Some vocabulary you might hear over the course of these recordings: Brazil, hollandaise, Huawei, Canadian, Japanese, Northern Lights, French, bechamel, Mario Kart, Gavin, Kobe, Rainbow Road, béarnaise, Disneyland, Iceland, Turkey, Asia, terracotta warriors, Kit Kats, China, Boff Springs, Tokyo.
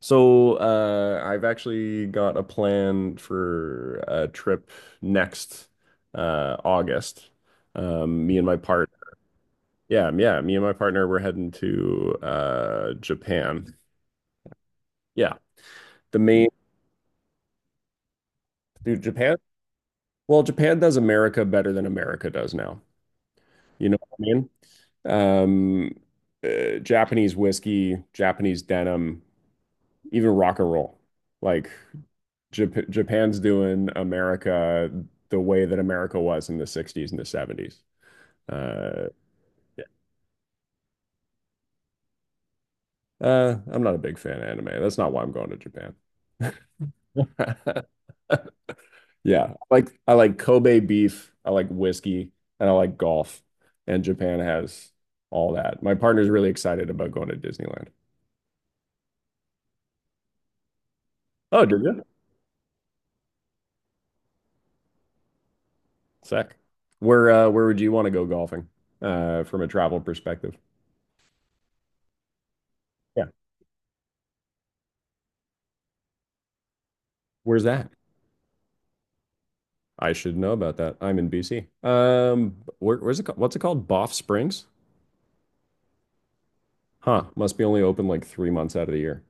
So, I've actually got a plan for a trip next August. Me and my part, yeah, yeah, me and my partner, we're heading to Japan. Yeah, the main, dude, Japan. Well, Japan does America better than America does now. You know what I mean? Um, Japanese whiskey, Japanese denim, even rock and roll. Like Japan's doing America the way that America was in the 60s and the 70s. Uh, yeah. I'm not a big fan of anime. That's not why I'm going to Japan. Yeah, like I like Kobe beef, I like whiskey, and I like golf. And Japan has all that. My partner's really excited about going to Disneyland. Oh, did you? Sick. Where would you want to go golfing from a travel perspective? Yeah. Where's that? I should know about that. I'm in BC. Where's it? What's it called? Boff Springs? Huh. Must be only open like 3 months out of the year.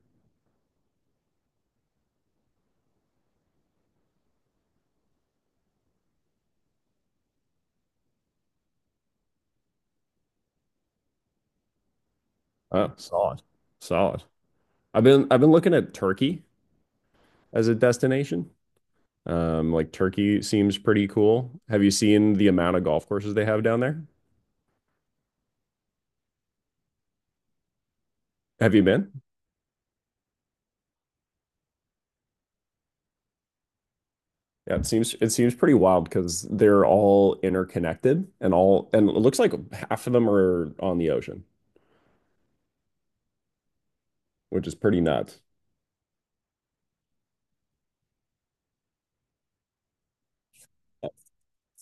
Oh, solid, solid. I've been looking at Turkey as a destination. Like Turkey seems pretty cool. Have you seen the amount of golf courses they have down there? Have you been? Yeah, it seems pretty wild because they're all interconnected and all and it looks like half of them are on the ocean, which is pretty nuts.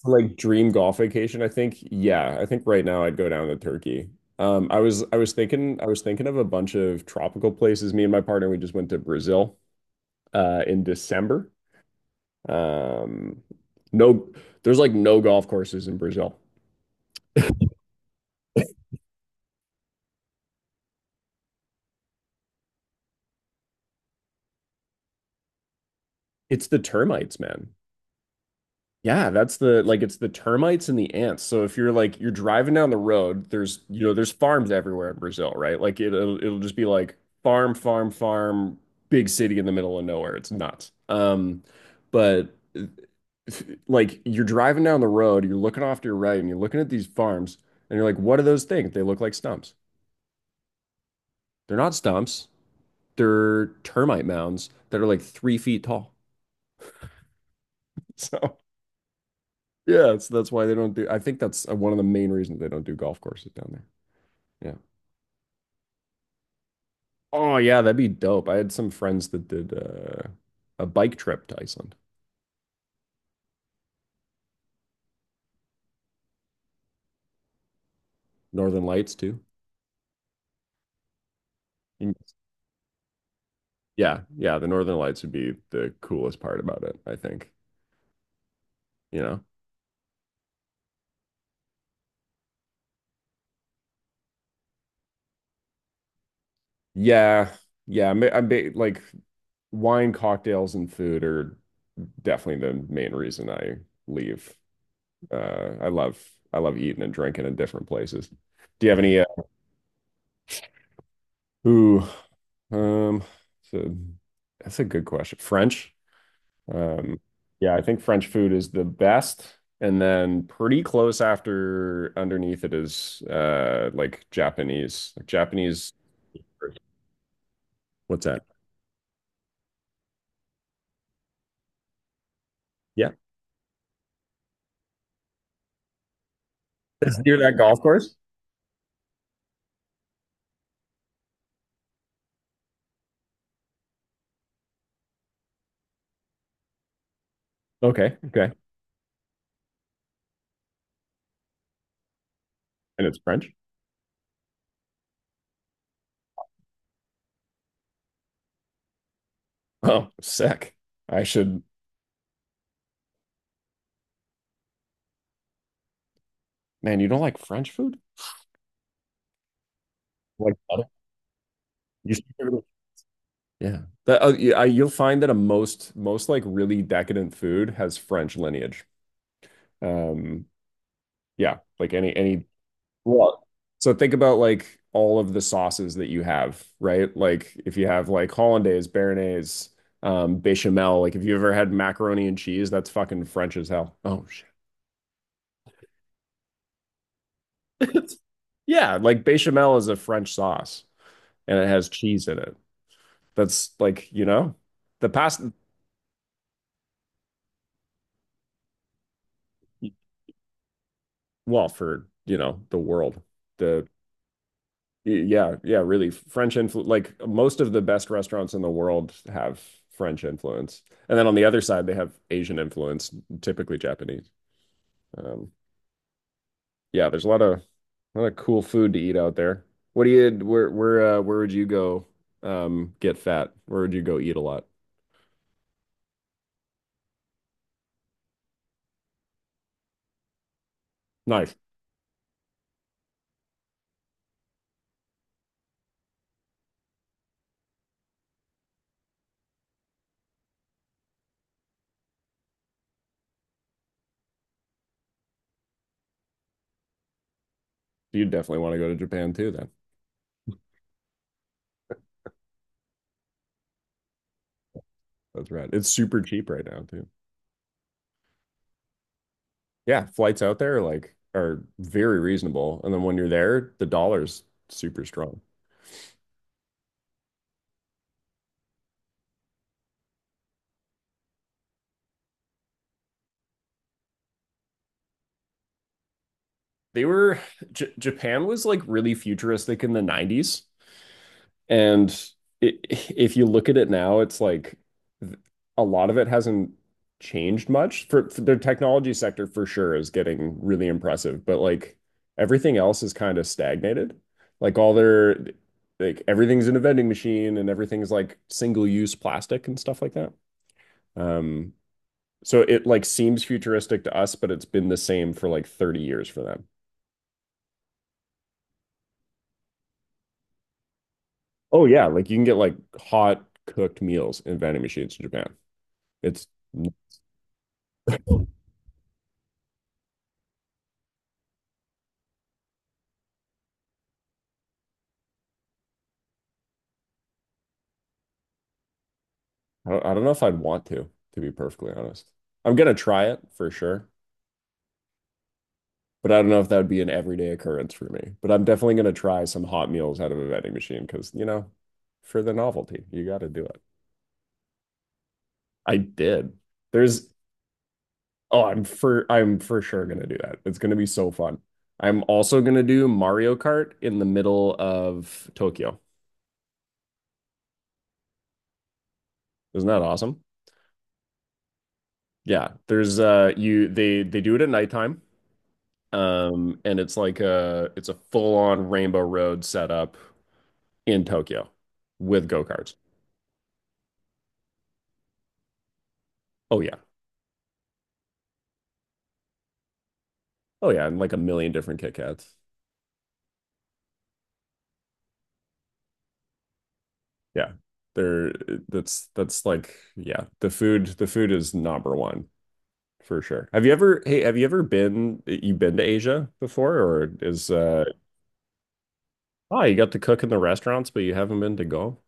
Like dream golf vacation, I think. Yeah, I think right now I'd go down to Turkey. I was thinking of a bunch of tropical places. Me and my partner, we just went to Brazil in December. Um, no, there's like no golf courses in Brazil. It's the termites, man. Yeah, that's the like it's the termites and the ants. So if you're like you're driving down the road, there's you know there's farms everywhere in Brazil, right? Like it'll just be like farm, farm, farm, big city in the middle of nowhere. It's nuts. But like you're driving down the road, you're looking off to your right, and you're looking at these farms, and you're like, what are those things? They look like stumps. They're not stumps. They're termite mounds that are like 3 feet tall. So. Yeah, that's why they don't do. I think that's one of the main reasons they don't do golf courses down there. Yeah. Oh yeah, that'd be dope. I had some friends that did a bike trip to Iceland. Northern Lights too. And- Yeah, yeah, the Northern Lights would be the coolest part about it, I think. You know? Yeah, yeah. Like wine, cocktails, and food are definitely the main reason I leave. Uh, I love I love eating and drinking in different places. Do you have any. Ooh. Um, so that's a good question. French. Um, yeah, I think French food is the best. And then pretty close after underneath it is like Japanese. Like Japanese. What's that? Yeah. It's near that golf course. Okay, okay. And it's French. Oh, sick. I should. Man, you don't like French food? Like butter? You should give it a- Yeah. Yeah, you'll find that a most most like really decadent food has French lineage. Um, Yeah, like any well, so think about like all of the sauces that you have, right? Like if you have like hollandaise, béarnaise, bechamel, like if you ever had macaroni and cheese, that's fucking French as hell. Oh shit. Yeah, like bechamel is a French sauce and it has cheese in it. That's like, the past well, for, the world. The Yeah, yeah, really. French influence, like most of the best restaurants in the world have French influence. And then on the other side, they have Asian influence, typically Japanese. Um, yeah, there's a lot of cool food to eat out there. What do you where would you go get fat? Where would you go eat a lot? Nice. You definitely want to go to Japan too then. That's right. It's super cheap right now too. Yeah, flights out there like are very reasonable. And then when you're there, the dollar's super strong. they were Japan was like really futuristic in the 90s. And it, if you look at it now, it's like a lot of it hasn't changed much. For their technology sector for sure is getting really impressive, but like everything else is kind of stagnated. Like all their, like, everything's in a vending machine and everything's like single use plastic and stuff like that. Um so it like seems futuristic to us, but it's been the same for like 30 years for them. Oh yeah, like you can get like hot cooked meals in vending machines in Japan. It's I I don't know if I'd want to be perfectly honest. I'm gonna try it for sure, but I don't know if that would be an everyday occurrence for me. But I'm definitely gonna try some hot meals out of a vending machine because, for the novelty, you got to do it. I did. There's oh, I'm for sure gonna do that. It's gonna be so fun. I'm also gonna do Mario Kart in the middle of Tokyo. Isn't that awesome? Yeah, there's you they do it at nighttime. And it's a full-on Rainbow Road setup in Tokyo with go-karts. Oh yeah. Oh yeah, and like a million different Kit Kats. Yeah. There that's like yeah, the food is number one for sure. Have you ever Hey, have you ever been you been to Asia before or is. Oh, you got to cook in the restaurants, but you haven't been to go?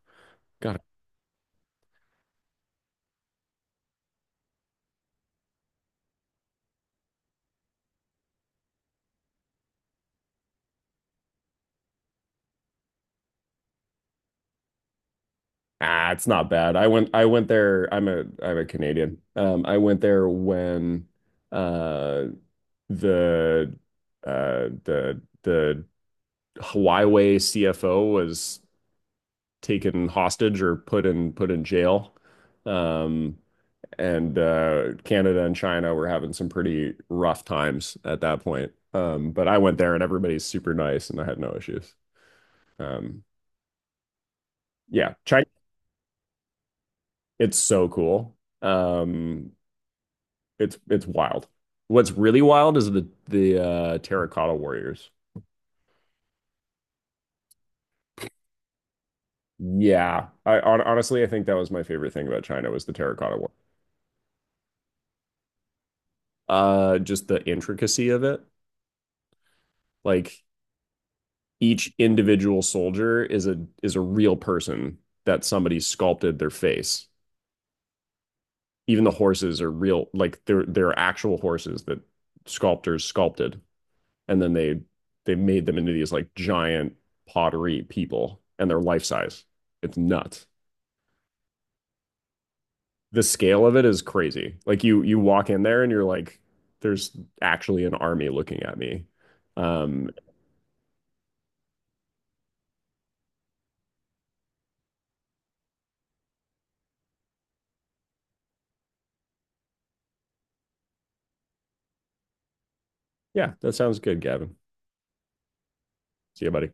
Ah, it's not bad. I went there. I'm a Canadian. I went there when uh the the Huawei CFO was taken hostage or put in jail. Um and Canada and China were having some pretty rough times at that point. But I went there and everybody's super nice and I had no issues. Um yeah, China, it's so cool. Um it's wild. What's really wild is the terracotta warriors. Yeah, I honestly I think that was my favorite thing about China was the terracotta war. Just the intricacy of it. Like each individual soldier is a real person that somebody sculpted their face. Even the horses are real, like they're actual horses that sculptors sculpted, and then they made them into these like giant pottery people, and they're life size. It's nuts. The scale of it is crazy. Like you walk in there and you're like, there's actually an army looking at me. Um, yeah, that sounds good, Gavin. See you, buddy.